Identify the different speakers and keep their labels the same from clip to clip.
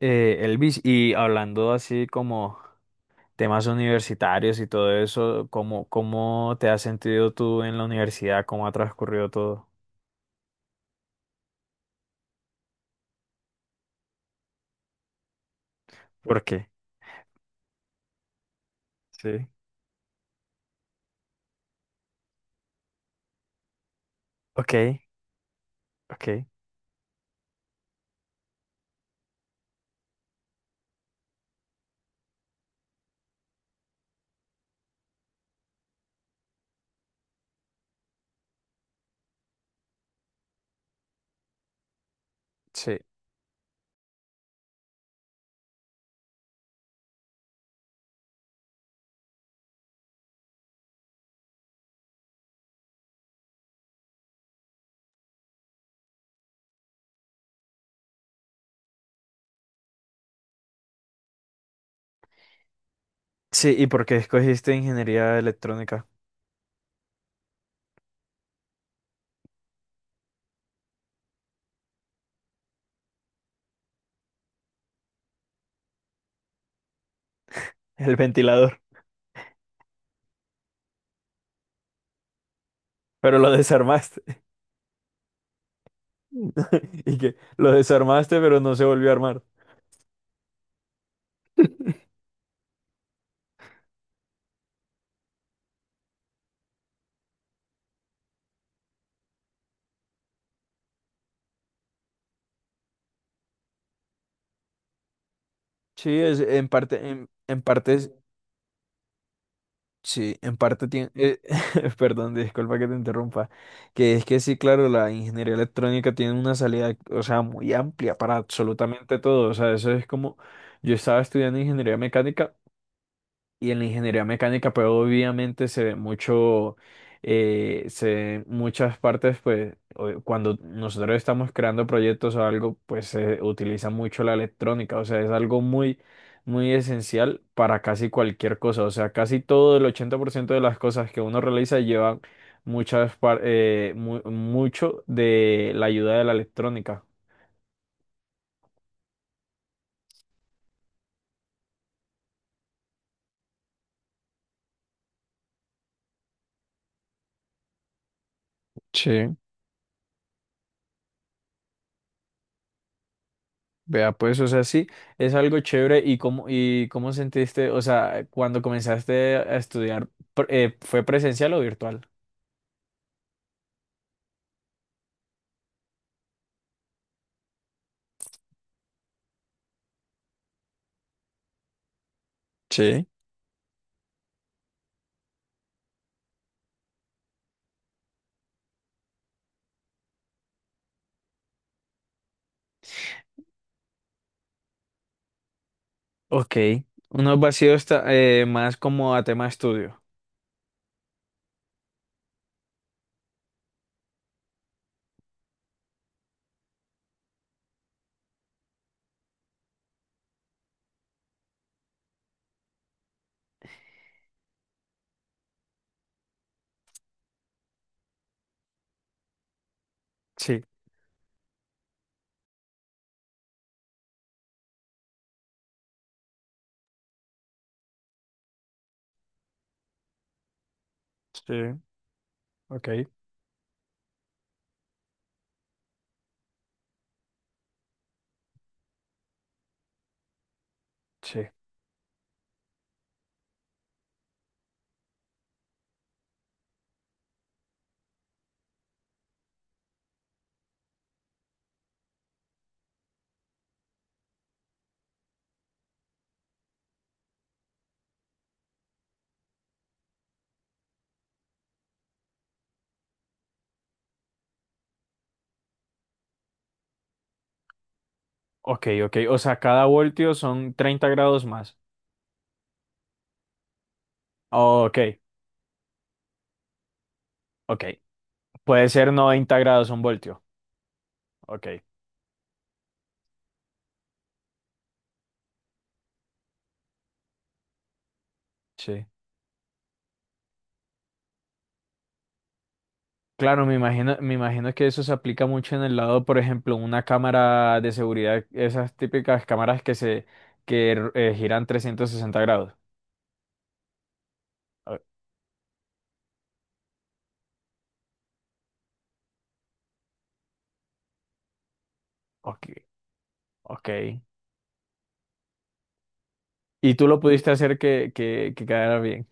Speaker 1: Elvis, y hablando así como temas universitarios y todo eso, ¿cómo te has sentido tú en la universidad? ¿Cómo ha transcurrido todo? ¿Por qué? Sí. Ok, ok, sí. Sí, ¿y por qué escogiste ingeniería electrónica? El ventilador, pero lo desarmaste. Y que lo desarmaste, pero no se volvió a armar. Sí, es en parte, en parte. Sí, en parte tiene, perdón, disculpa que te interrumpa, que es que sí, claro, la ingeniería electrónica tiene una salida, o sea, muy amplia para absolutamente todo, o sea, eso es como, yo estaba estudiando ingeniería mecánica y en la ingeniería mecánica, pues obviamente se ve mucho, se ven muchas partes, pues cuando nosotros estamos creando proyectos o algo, pues se utiliza mucho la electrónica, o sea, es algo muy, muy esencial para casi cualquier cosa, o sea, casi todo el 80% de las cosas que uno realiza llevan muchas, mucho de la ayuda de la electrónica. Sí. Vea, pues, o sea, sí, es algo chévere. ¿Y cómo sentiste, o sea, cuando comenzaste a estudiar, fue presencial o virtual? Sí. Ok, unos vacíos más como a tema estudio. Sí, sí. Ok, sí. Ok, ok. O sea, cada voltio son 30 grados más. Ok, ok. Puede ser 90 grados un voltio. Ok, sí. Claro, me imagino que eso se aplica mucho en el lado, por ejemplo, una cámara de seguridad, esas típicas cámaras que se que giran 360 grados. O- Ok, ok. Y tú lo pudiste hacer que quedara bien.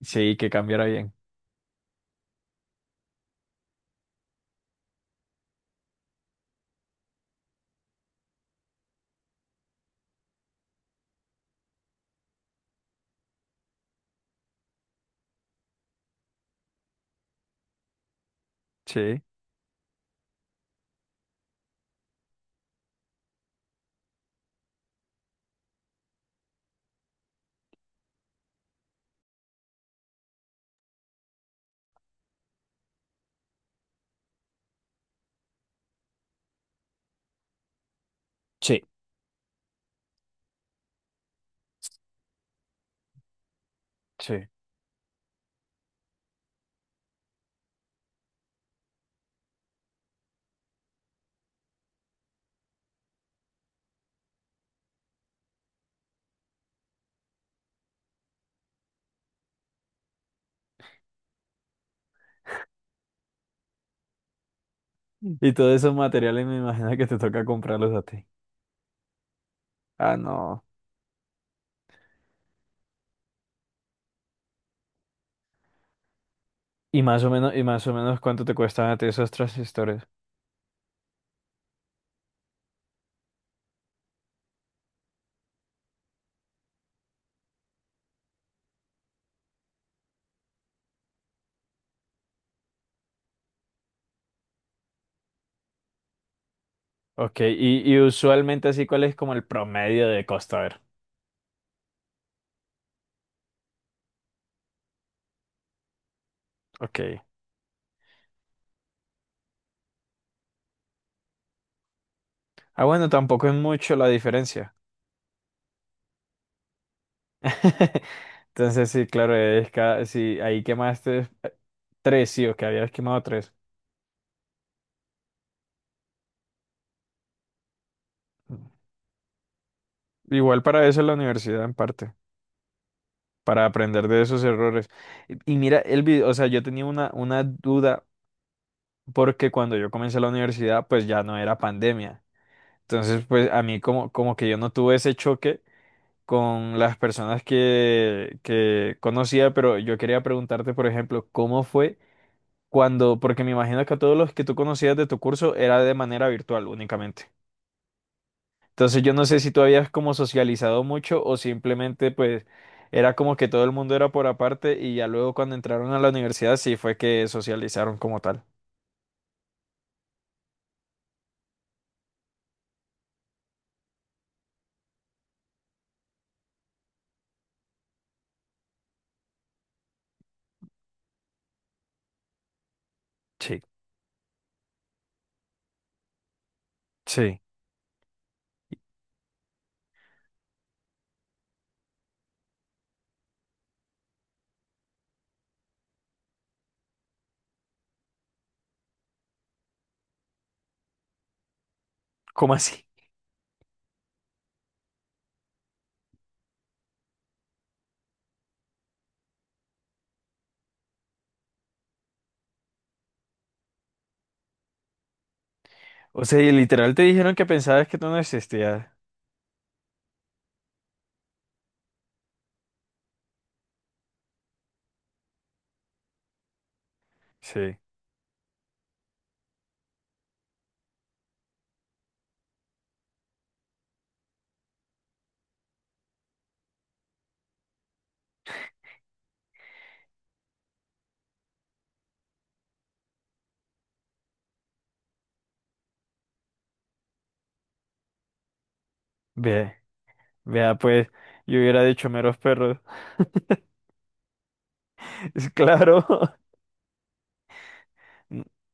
Speaker 1: Sí, que cambiara bien. Sí. Sí. Sí. Mm. Y todos esos materiales me imagino que te toca comprarlos a ti. Ah, no. Y más o menos, y más o menos cuánto te cuestan a ti esos transistores. Ok, y usualmente así, ¿cuál es como el promedio de costo? A ver. Ok. Ah, bueno, tampoco es mucho la diferencia. Entonces, sí, claro, es cada, sí, ahí quemaste tres, sí, o que habías quemado tres. Igual para eso es la universidad en parte, para aprender de esos errores. Y mira, el video, o sea, yo tenía una duda porque cuando yo comencé la universidad, pues ya no era pandemia. Entonces, pues a mí como, como que yo no tuve ese choque con las personas que conocía, pero yo quería preguntarte, por ejemplo, ¿cómo fue? Cuando, porque me imagino que a todos los que tú conocías de tu curso era de manera virtual únicamente. Entonces yo no sé si tú habías como socializado mucho o simplemente pues era como que todo el mundo era por aparte y ya luego cuando entraron a la universidad sí fue que socializaron como tal. Sí, sí. ¿Cómo así? O sea, y literal te dijeron que pensabas que tú no existías. Sí. Ve, vea pues, yo hubiera dicho meros perros. Es claro.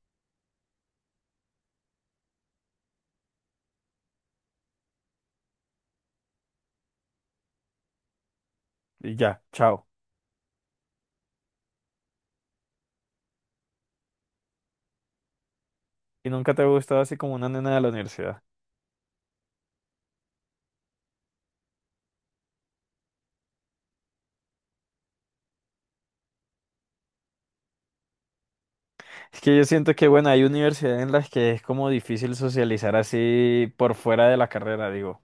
Speaker 1: Y ya, chao. Y nunca te ha gustado así como una nena de la universidad. Es que yo siento que, bueno, hay universidades en las que es como difícil socializar así por fuera de la carrera, digo.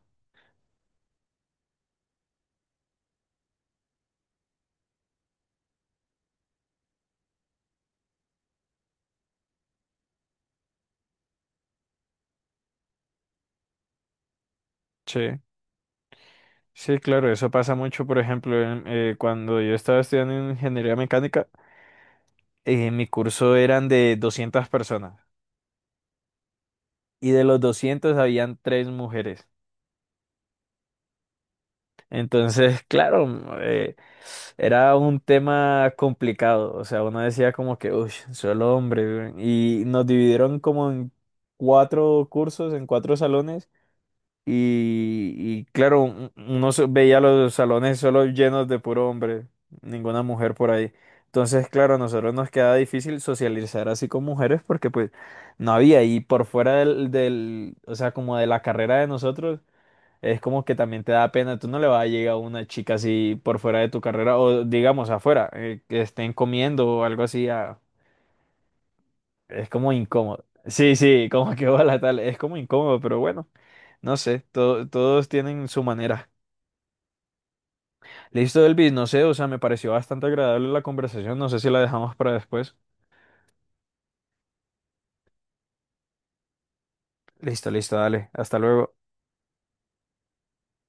Speaker 1: Sí. Sí, claro, eso pasa mucho, por ejemplo, cuando yo estaba estudiando ingeniería mecánica, mi curso eran de 200 personas y de los 200 habían tres mujeres. Entonces, claro, era un tema complicado. O sea, uno decía como que, uff, solo hombre. Y nos dividieron como en cuatro cursos, en cuatro salones. Y claro, veía los salones solo llenos de puro hombre, ninguna mujer por ahí. Entonces, claro, a nosotros nos quedaba difícil socializar así con mujeres porque pues no había. Y por fuera del, o sea, como de la carrera de nosotros es como que también te da pena, tú no le vas a llegar a una chica así por fuera de tu carrera o digamos afuera, que estén comiendo o algo así, ah, es como incómodo. Sí, sí, como que hola tal, es como incómodo, pero bueno, no sé, todos tienen su manera. Listo, Elvis, no sé, o sea, me pareció bastante agradable la conversación, no sé si la dejamos para después. Listo, listo, dale, hasta luego.